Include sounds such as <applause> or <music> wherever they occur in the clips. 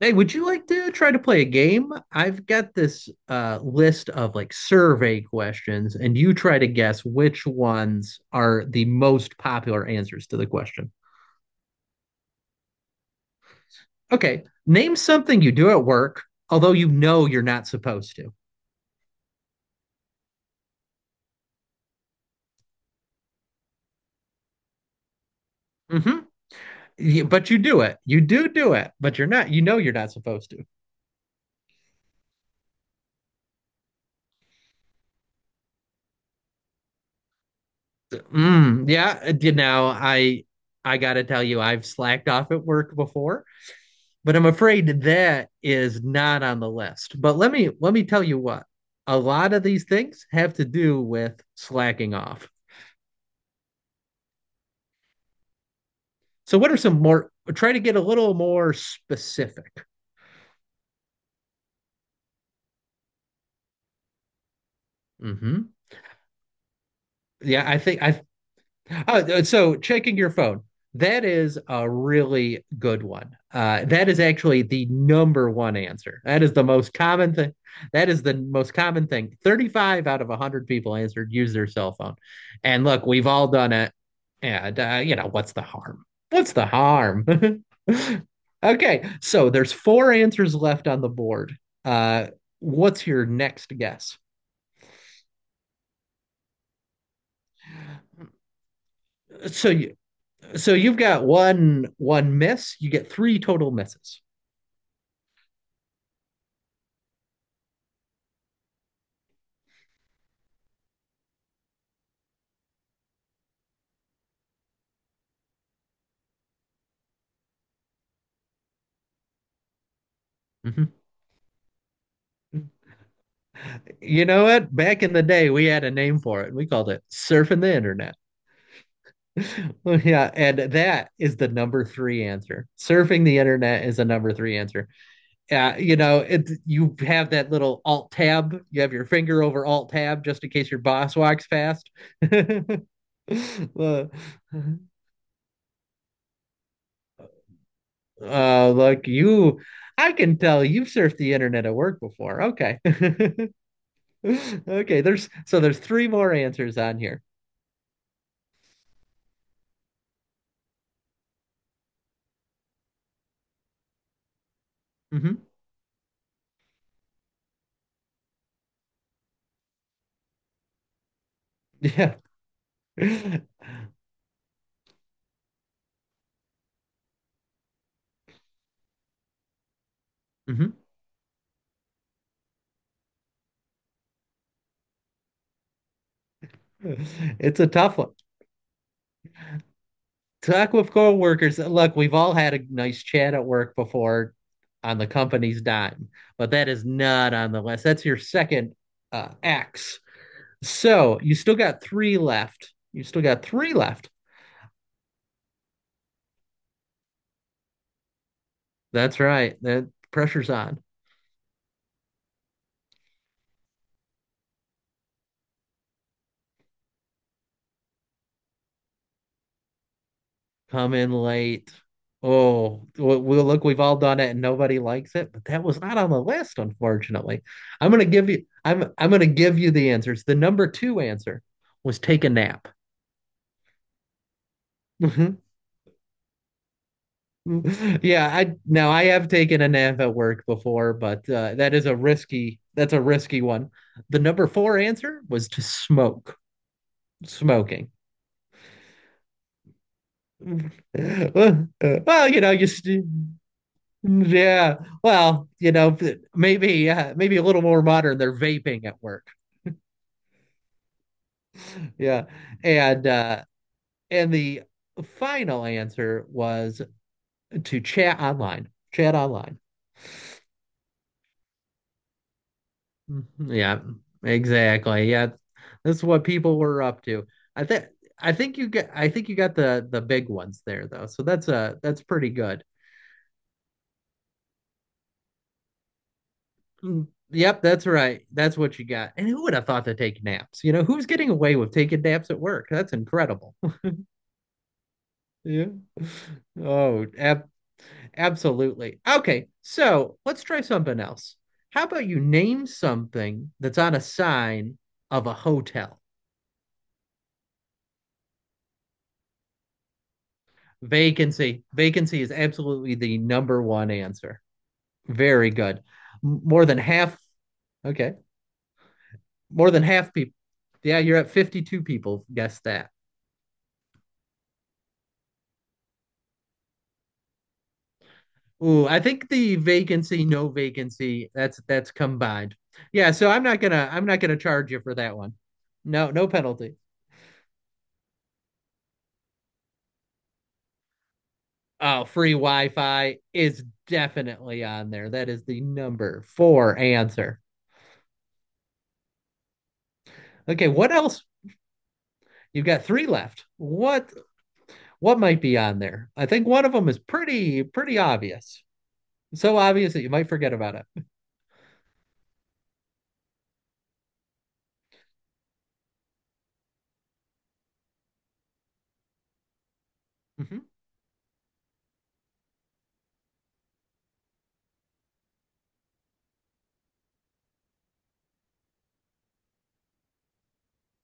Hey, would you like to try to play a game? I've got this list of survey questions, and you try to guess which ones are the most popular answers to the question. Okay, name something you do at work, although you know you're not supposed to. Hmm. But you do it. You do do it, but you're not. You know you're not supposed to. Mm, yeah. I gotta tell you, I've slacked off at work before, but I'm afraid that is not on the list. But let me tell you what. A lot of these things have to do with slacking off. So what are some more, try to get a little more specific. Mhm. Yeah, I think I Oh, so checking your phone. That is a really good one. That is actually the number one answer. That is the most common thing. That is the most common thing. 35 out of 100 people answered use their cell phone. And look, we've all done it. What's the harm? What's the harm? <laughs> Okay, so there's four answers left on the board. Uh, what's your next guess? So you, so you've got one miss, you get three total misses. Mhm. You know what? Back in the day, we had a name for it. We called it surfing the internet. <laughs> Yeah, and that is the number three answer. Surfing the internet is a number three answer. Yeah, you have that little alt tab. You have your finger over alt tab just in case your boss walks past. <laughs> Uh, uh, look, you, I can tell you've surfed the internet at work before. Okay. <laughs> Okay, there's three more answers on here. Mhm. <laughs> Yeah. Mhm. It's a tough one. Talk with coworkers. Look, we've all had a nice chat at work before on the company's dime, but that is not on the list. That's your second X. So you still got three left. You still got three left. That's right. That pressure's on. Come in late. Oh, well, we look, we've all done it and nobody likes it, but that was not on the list, unfortunately. I'm gonna give you the answers. The number two answer was take a nap. <laughs> Mhm. Yeah, I, now I have taken a nap at work before, but that is a risky that's a risky one. The number four answer was to smoke, smoking. <laughs> Well, you know, mm, yeah. Well, you know, maybe maybe a little more modern. They're vaping at work. Yeah. And uh and the final answer was to chat online. Chat online. Mhm. Yeah, exactly. Yeah. This is what people were up to. I think I think you got the big ones there though. So that's pretty good. Mm, yep, that's right. That's what you got. And who would have thought to take naps? You know, who's getting away with taking naps at work? That's incredible. Yeah. Oh, ab Absolutely. Okay, so let's try something else. How about you name something that's on a sign of a hotel? Vacancy. Vacancy is absolutely the number one answer. Very good. More than half. Okay. More than half people. Yeah, you're at 52 people guessed that. Ooh, I think the vacancy, no vacancy, that's combined. Yeah, so I'm not gonna charge you for that one. No, no penalty. Oh, free Wi-Fi is definitely on there. That is the number four answer. Okay, what else? You've got three left. What might be on there? I think one of them is pretty obvious. So obvious that you might forget about it. Mhm.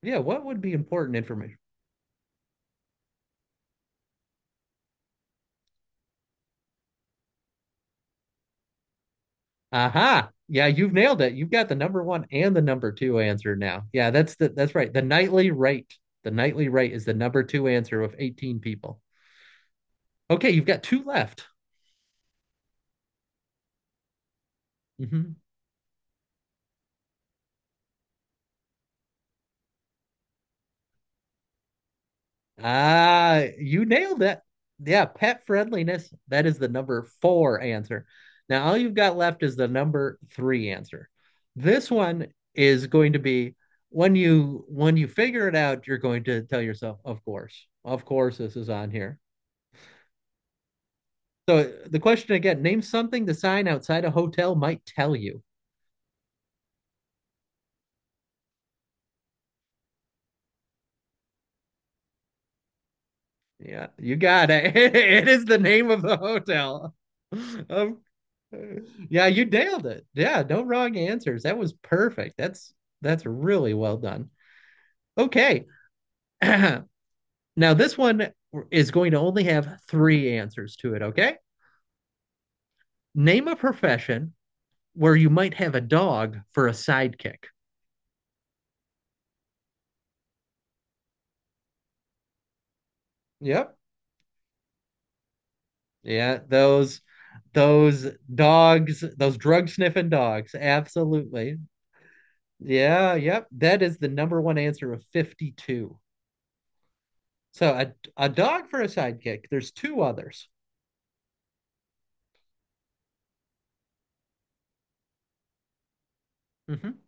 Yeah, what would be important information? Aha. Yeah, you've nailed it. You've got the number one and the number two answer now. Yeah, that's the that's right. The nightly rate. The nightly rate is the number two answer with 18 people. Okay, you've got two left. Mhm. Ah, you nailed it. Yeah, pet friendliness. That is the number four answer. Now, all you've got left is the number three answer. This one is going to be when you figure it out, you're going to tell yourself, of course, this is on here. So the question again, name something the sign outside a hotel might tell you. Yeah, you got it. <laughs> It is the name of the hotel. <laughs> Of Yeah, you nailed it. Yeah, no wrong answers. That was perfect. That's really well done. Okay. <clears throat> Now this one is going to only have three answers to it, okay? Name a profession where you might have a dog for a sidekick. Yep. Yeah, those dogs, those drug sniffing dogs. Absolutely. Yeah, yep. That is the number one answer of 52. So a dog for a sidekick. There's two others. Mhm.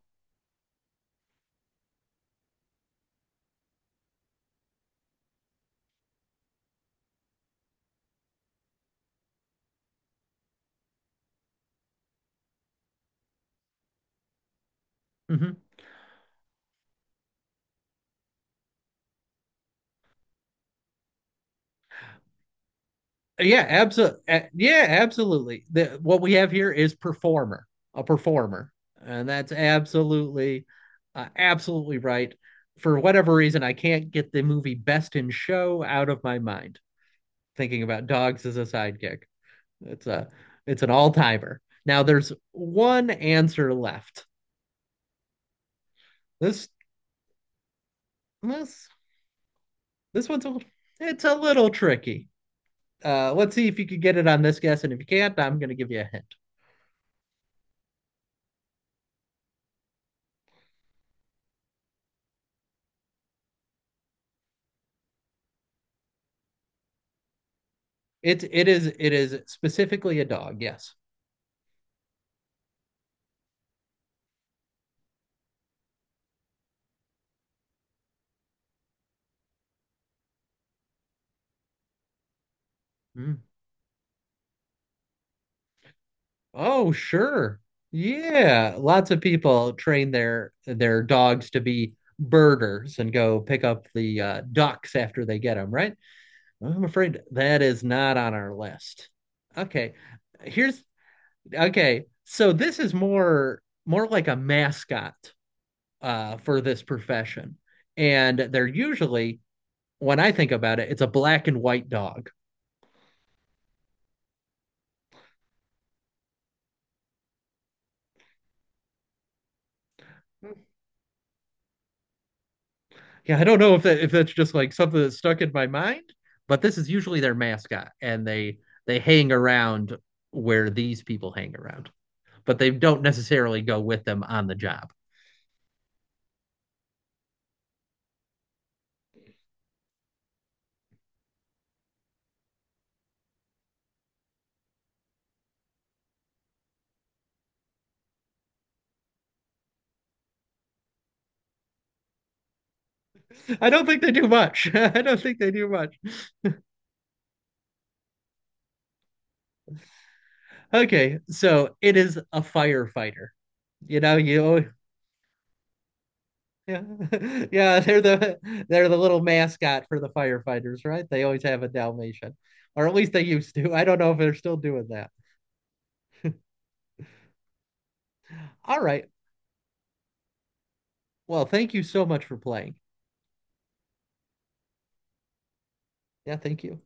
Hmm. Yeah, absolutely. Yeah, absolutely. The, what we have here is performer, a performer, and that's absolutely, absolutely right. For whatever reason, I can't get the movie Best in Show out of my mind. Thinking about dogs as a sidekick, it's a, it's an all-timer. Now there's one answer left. This, this, this one's a, it's a little tricky. Let's see if you could get it on this guess, and if you can't, I'm going to give you a hint. It is specifically a dog, yes. Mm. Oh, sure. Yeah, lots of people train their dogs to be birders and go pick up the ducks after they get them, right? I'm afraid that is not on our list. Okay. Here's okay. So this is more like a mascot for this profession. And they're usually, when I think about it, it's a black and white dog. Yeah, I don't know if that if that's just like something that's stuck in my mind, but this is usually their mascot, and they hang around where these people hang around, but they don't necessarily go with them on the job. I don't think they do much. <laughs> I don't think they do much. Okay, so it is a firefighter. You know, you Yeah, <laughs> yeah, they're the little mascot for the firefighters, right? They always have a Dalmatian, or at least they used to. I don't know if they're still doing that. All right. Well, thank you so much for playing. Yeah, thank you.